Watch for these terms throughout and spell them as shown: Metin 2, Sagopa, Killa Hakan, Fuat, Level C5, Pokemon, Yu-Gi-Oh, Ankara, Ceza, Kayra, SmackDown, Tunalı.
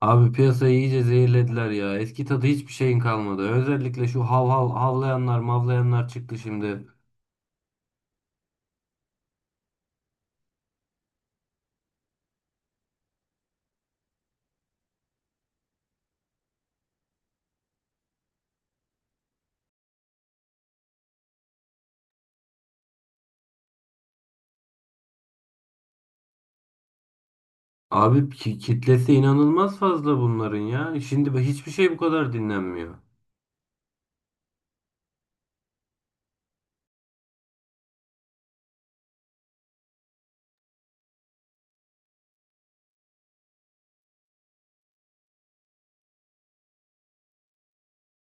Abi piyasayı iyice zehirlediler ya. Eski tadı hiçbir şeyin kalmadı. Özellikle şu hav hav havlayanlar mavlayanlar çıktı şimdi. Abi kitlesi inanılmaz fazla bunların ya. Şimdi hiçbir şey bu kadar dinlenmiyor.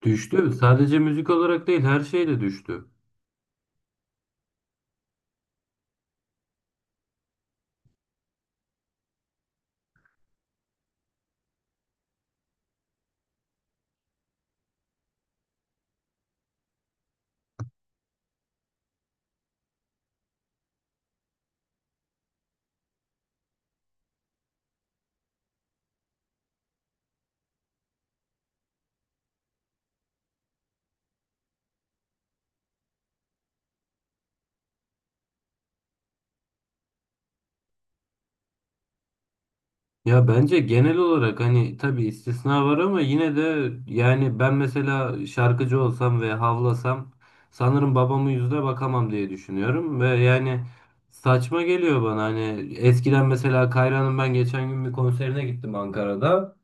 Düştü. Sadece müzik olarak değil her şeyle düştü. Ya bence genel olarak hani tabii istisna var ama yine de yani ben mesela şarkıcı olsam ve havlasam sanırım babamın yüzüne bakamam diye düşünüyorum ve yani saçma geliyor bana hani eskiden mesela Kayra'nın ben geçen gün bir konserine gittim Ankara'da.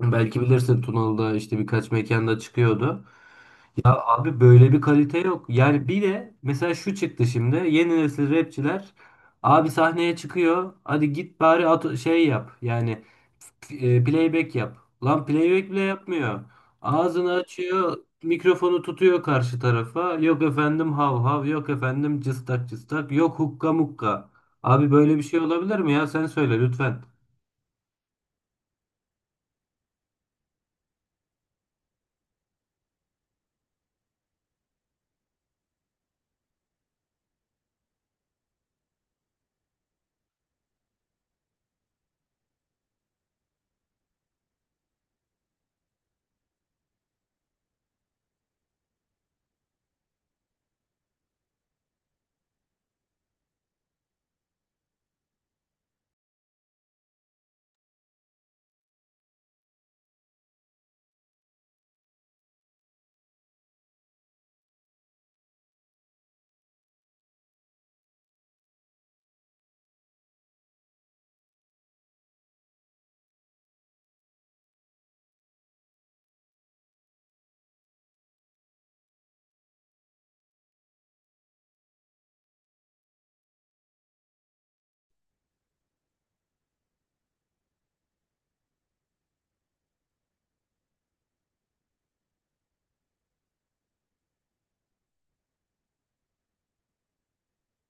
Belki bilirsin Tunalı'da işte birkaç mekanda çıkıyordu. Abi böyle bir kalite yok. Yani bir de mesela şu çıktı şimdi. Yeni nesil rapçiler abi sahneye çıkıyor. Hadi git bari at şey yap. Yani playback yap. Lan playback bile yapmıyor. Ağzını açıyor, mikrofonu tutuyor karşı tarafa. Yok efendim hav hav, yok efendim cıstak cıstak, yok hukka mukka. Abi böyle bir şey olabilir mi ya? Sen söyle lütfen.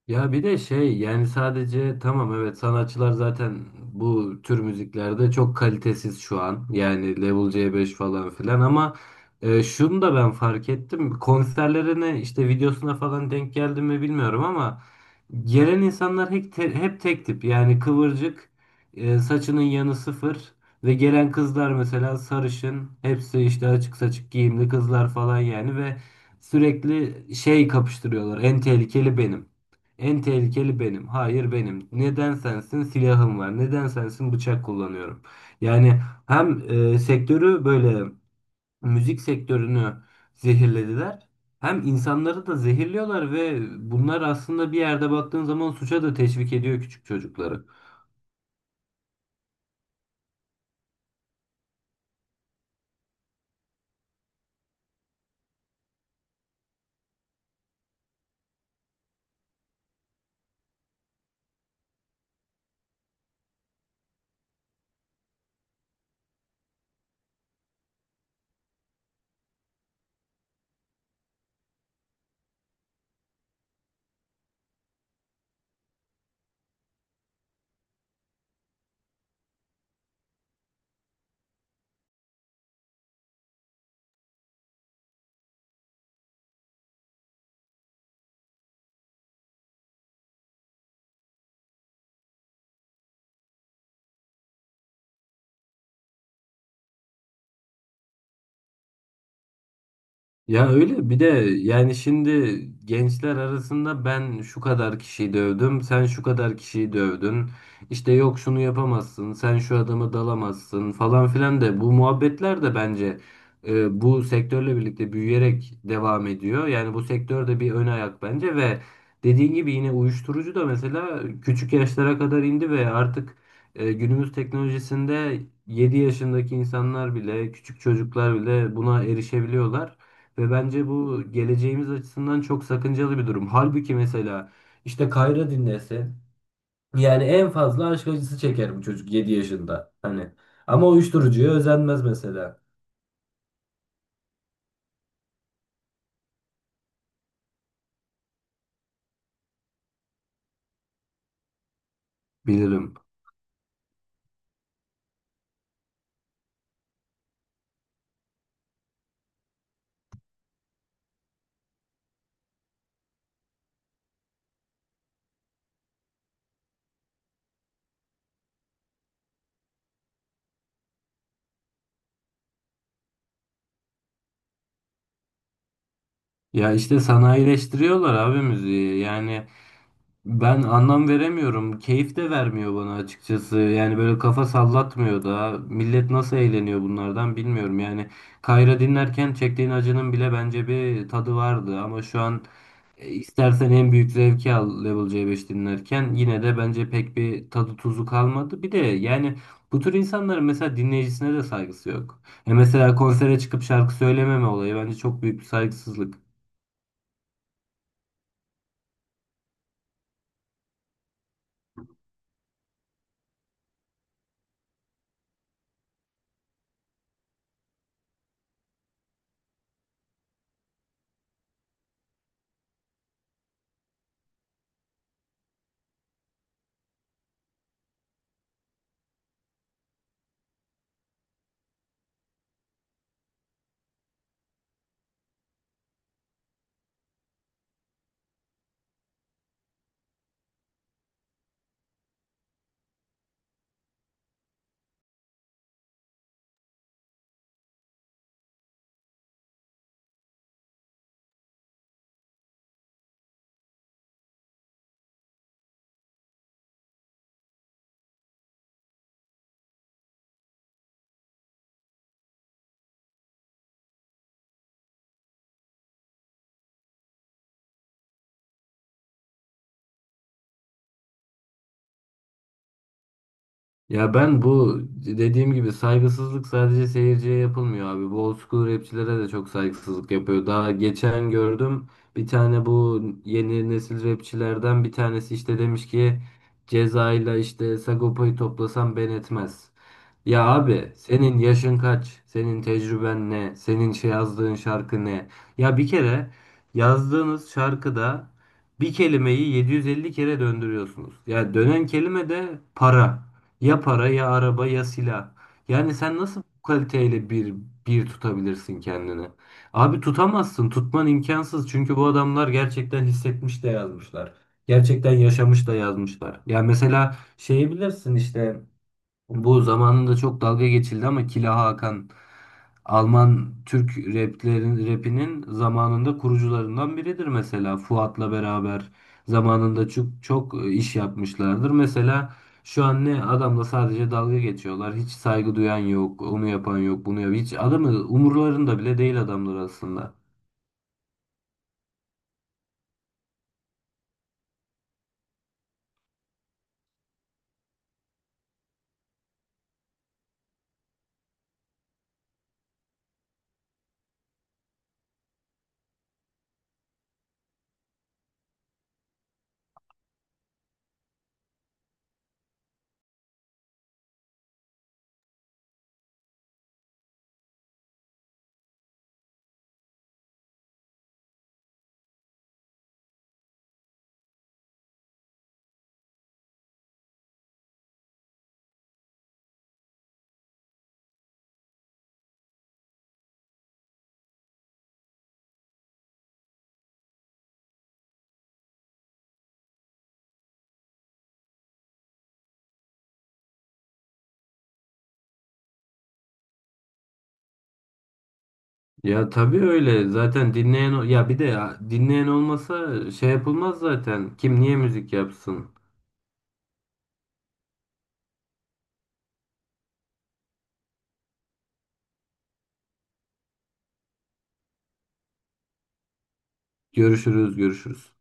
Ya bir de şey yani sadece tamam evet sanatçılar zaten bu tür müziklerde çok kalitesiz şu an. Yani Level c beş falan filan ama şunu da ben fark ettim. Konserlerine işte videosuna falan denk geldim mi bilmiyorum ama gelen insanlar hep, hep tek tip. Yani kıvırcık, saçının yanı sıfır ve gelen kızlar mesela sarışın, hepsi işte açık saçık giyimli kızlar falan yani ve sürekli şey kapıştırıyorlar. En tehlikeli benim. En tehlikeli benim. Hayır benim. Neden sensin? Silahım var. Neden sensin? Bıçak kullanıyorum. Yani hem sektörü böyle müzik sektörünü zehirlediler. Hem insanları da zehirliyorlar ve bunlar aslında bir yerde baktığın zaman suça da teşvik ediyor küçük çocukları. Ya öyle bir de yani şimdi gençler arasında ben şu kadar kişiyi dövdüm, sen şu kadar kişiyi dövdün. İşte yok şunu yapamazsın, sen şu adama dalamazsın falan filan de bu muhabbetler de bence bu sektörle birlikte büyüyerek devam ediyor. Yani bu sektör de bir ön ayak bence ve dediğin gibi yine uyuşturucu da mesela küçük yaşlara kadar indi ve artık günümüz teknolojisinde 7 yaşındaki insanlar bile, küçük çocuklar bile buna erişebiliyorlar. Ve bence bu geleceğimiz açısından çok sakıncalı bir durum. Halbuki mesela işte Kayra dinlese yani en fazla aşk acısı çeker bu çocuk 7 yaşında. Hani ama uyuşturucuya özenmez mesela. Bilirim. Ya işte sanayileştiriyorlar abi müziği. Yani ben anlam veremiyorum. Keyif de vermiyor bana açıkçası. Yani böyle kafa sallatmıyor da. Millet nasıl eğleniyor bunlardan bilmiyorum. Yani Kayra dinlerken çektiğin acının bile bence bir tadı vardı. Ama şu an istersen en büyük zevki al Level C5 dinlerken yine de bence pek bir tadı tuzu kalmadı. Bir de yani bu tür insanların mesela dinleyicisine de saygısı yok. E mesela konsere çıkıp şarkı söylememe olayı bence çok büyük bir saygısızlık. Ya ben bu dediğim gibi saygısızlık sadece seyirciye yapılmıyor abi. Bu old school rapçilere de çok saygısızlık yapıyor. Daha geçen gördüm bir tane bu yeni nesil rapçilerden bir tanesi işte demiş ki Ceza'yla işte Sagopa'yı toplasam ben etmez. Ya abi senin yaşın kaç? Senin tecrüben ne? Senin şey yazdığın şarkı ne? Ya bir kere yazdığınız şarkıda bir kelimeyi 750 kere döndürüyorsunuz. Ya dönen kelime de para. Ya para ya araba ya silah. Yani sen nasıl bu kaliteyle bir tutabilirsin kendini? Abi tutamazsın. Tutman imkansız. Çünkü bu adamlar gerçekten hissetmiş de yazmışlar. Gerçekten yaşamış da yazmışlar. Ya mesela şeyi bilirsin işte bu zamanında çok dalga geçildi ama Killa Hakan Alman Türk rapinin zamanında kurucularından biridir mesela. Fuat'la beraber zamanında çok iş yapmışlardır. Mesela şu an ne adamla sadece dalga geçiyorlar. Hiç saygı duyan yok, onu yapan yok, bunu yapan. Hiç adamı umurlarında bile değil adamlar aslında. Ya tabii öyle. Zaten dinleyen ya bir de ya, dinleyen olmasa şey yapılmaz zaten. Kim niye müzik yapsın? Görüşürüz, görüşürüz.